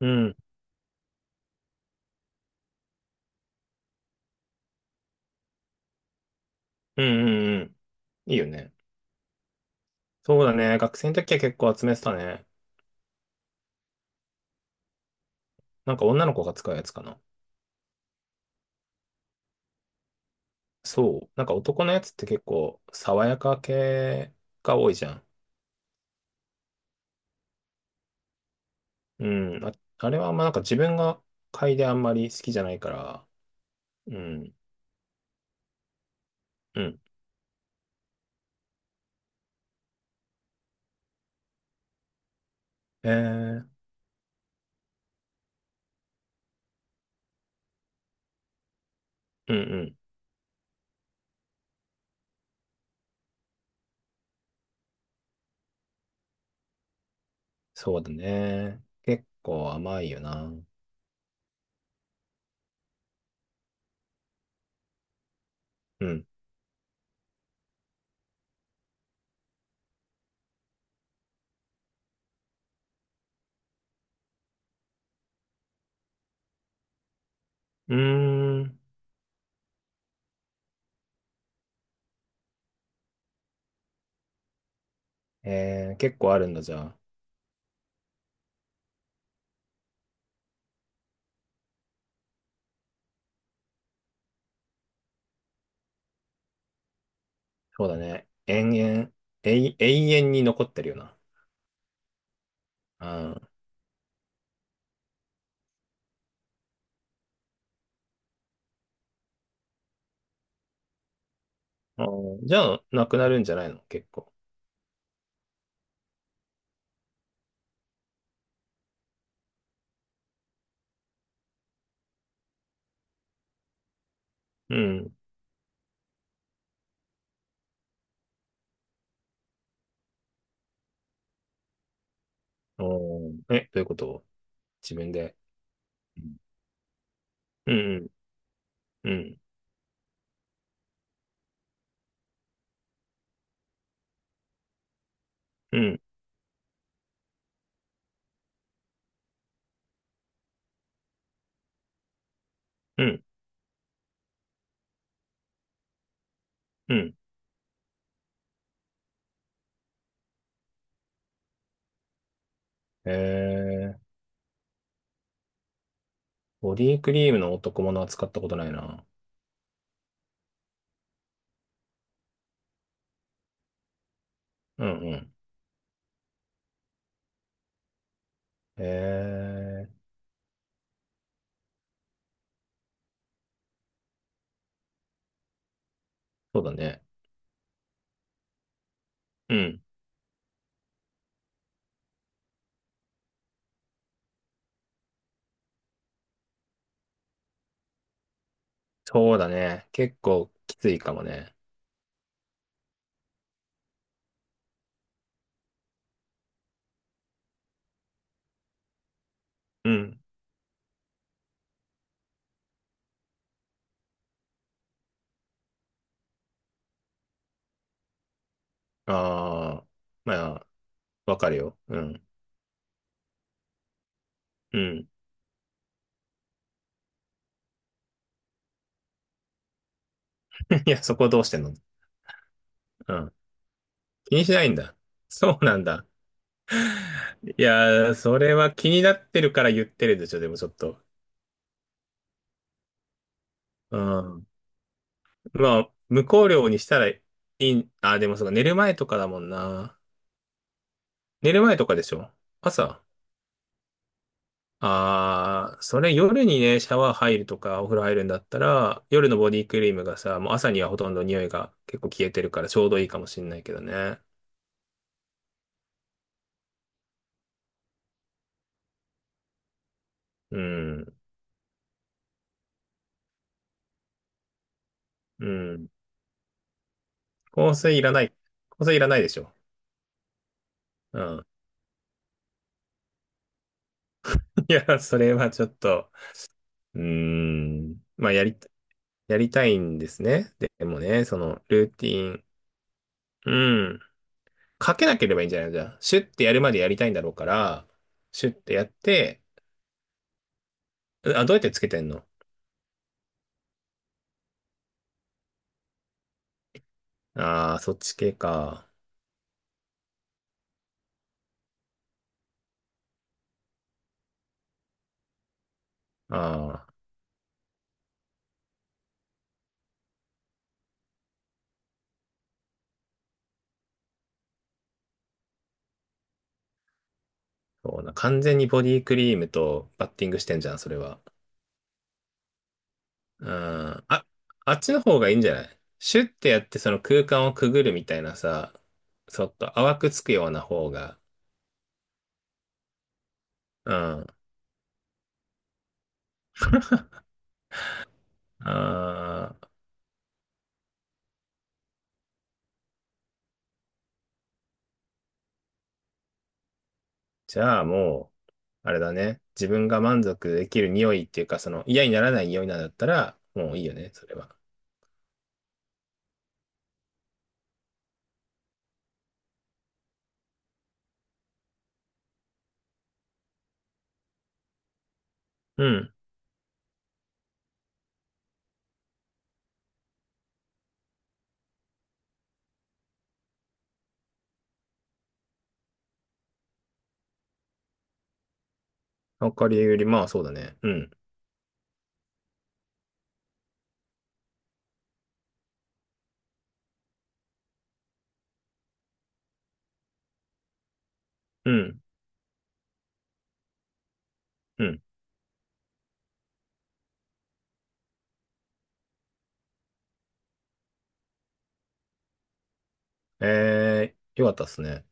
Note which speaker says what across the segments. Speaker 1: うん。うんうんうん。いいよね。そうだね。学生の時は結構集めてたね。なんか女の子が使うやつかな。そう。なんか男のやつって結構爽やか系が多いじゃん。うん。あ、あれはなんか自分が嗅いであんまり好きじゃないから。うん。うん。えー、うんうん。そうだね。結構甘いよな。うん。うーん。えー、結構あるんだじゃあ。そうだね。延々、永遠に残ってるよな。あー、じゃあ、なくなるんじゃないの、結構。うん。おー、え、どういうこと、自分で。うん、うん、うん、うん、うん。うん、えー、ボディクリームの男物は使ったことないな。うん、うん。えー、そうだね。うん。そうだね。結構きついかもね。うん。ああ、まあ、わかるよ。うん、うん。いや、そこどうしてんの？うん。気にしないんだ。そうなんだ。いやー、それは気になってるから言ってるでしょ、でもちょっと。うん。まあ、無香料にしたらいい、あ、でもそうか、寝る前とかだもんな。寝る前とかでしょ？朝。ああ、それ夜にね、シャワー入るとか、お風呂入るんだったら、夜のボディクリームがさ、もう朝にはほとんど匂いが結構消えてるからちょうどいいかもしんないけどね。うん。うん。香水いらない。香水いらないでしょ。うん。いや、それはちょっと、うーん。まあ、やりたいんですね。でもね、その、ルーティン。うん。かけなければいいんじゃないの、じゃあ、シュッてやるまでやりたいんだろうから、シュッてやって、う、あ、どうやってつけてんの？ああー、そっち系か。ああ、そうな。完全にボディクリームとバッティングしてんじゃん、それは。うん。あ、あっちの方がいいんじゃない、シュッてやってその空間をくぐるみたいなさ、ちょっと淡くつくような方が。うん。あ、じゃあもう、あれだね。自分が満足できる匂いっていうか、その嫌にならない匂いなんだったら、もういいよね、それは。うん。わかりより、まあそうだね。うん。うん。うん。えー、よかったっすね。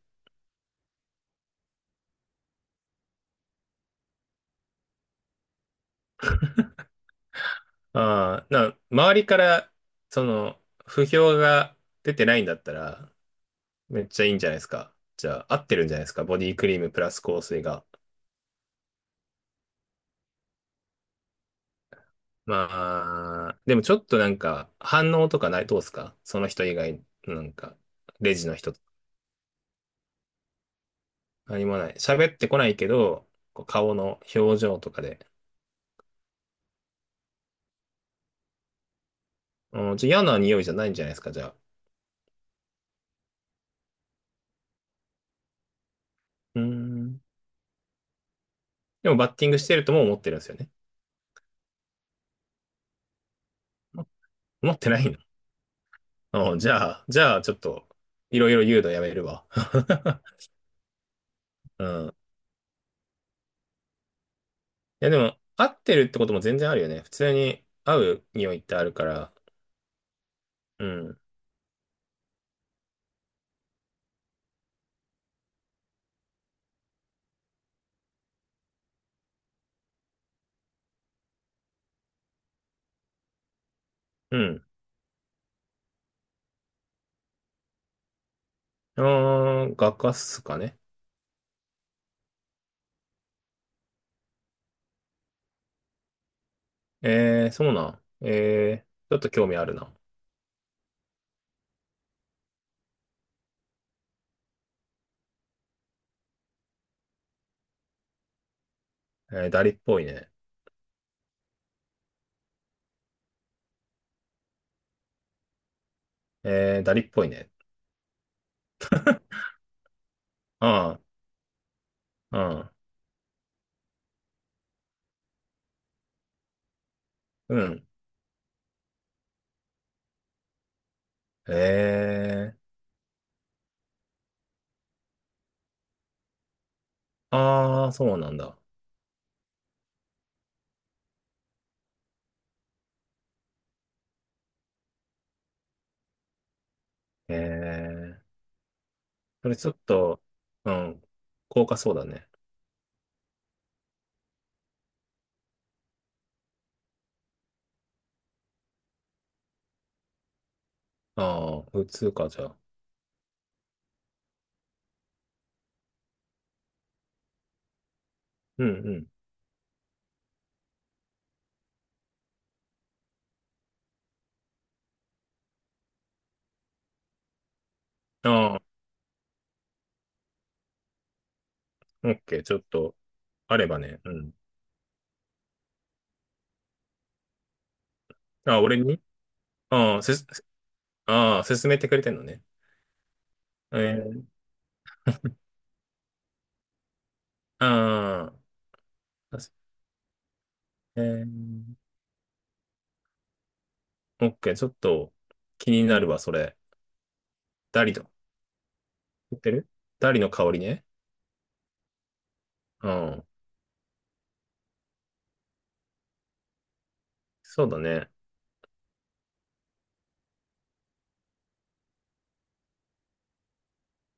Speaker 1: ああ、な、周りから、その、不評が出てないんだったら、めっちゃいいんじゃないですか。じゃあ、合ってるんじゃないですか。ボディクリームプラス香水が。まあ、でもちょっとなんか、反応とかない、どうっすかその人以外、なんか、レジの人何もない。喋ってこないけど、こう顔の表情とかで。うん、じゃあ嫌な匂いじゃないんじゃないですか、じゃあ。うーん。でもバッティングしてるとも思ってるんですよね。も思ってないの？うん、じゃあ、じゃあちょっと、いろいろ言うのやめるわ。うん。いやでも、合ってるってことも全然あるよね。普通に合う匂いってあるから。うん。うん。あー、画家っすかね。えー、そうなん。えー、ちょっと興味あるな。えー、ダリっぽいね。えー、ダリっぽいね。ああ、うん。うん。へえ。ああ、そうなんだ。へえ。それちょっと、うん。高価そうだね。ああ、普通か、じゃあ。うんうん。ああ、オッケー。ちょっと、あればね。うん。あ、俺に、ああ、せ、ああ、勧めてくれてんのね。えー、ああ、確えー、オッケー。ちょっと、気になるわ、それ。ダリの、言ってるダリの香りね。うん。そうだね。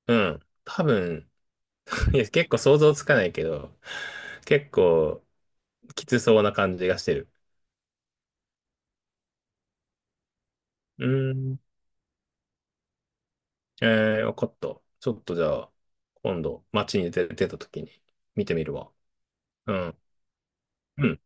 Speaker 1: うん。多分、いや、結構想像つかないけど、結構きつそうな感じがしてる。うーん。えー、わかった。ちょっとじゃあ、今度、街に出てた時に見てみるわ。うん。うん。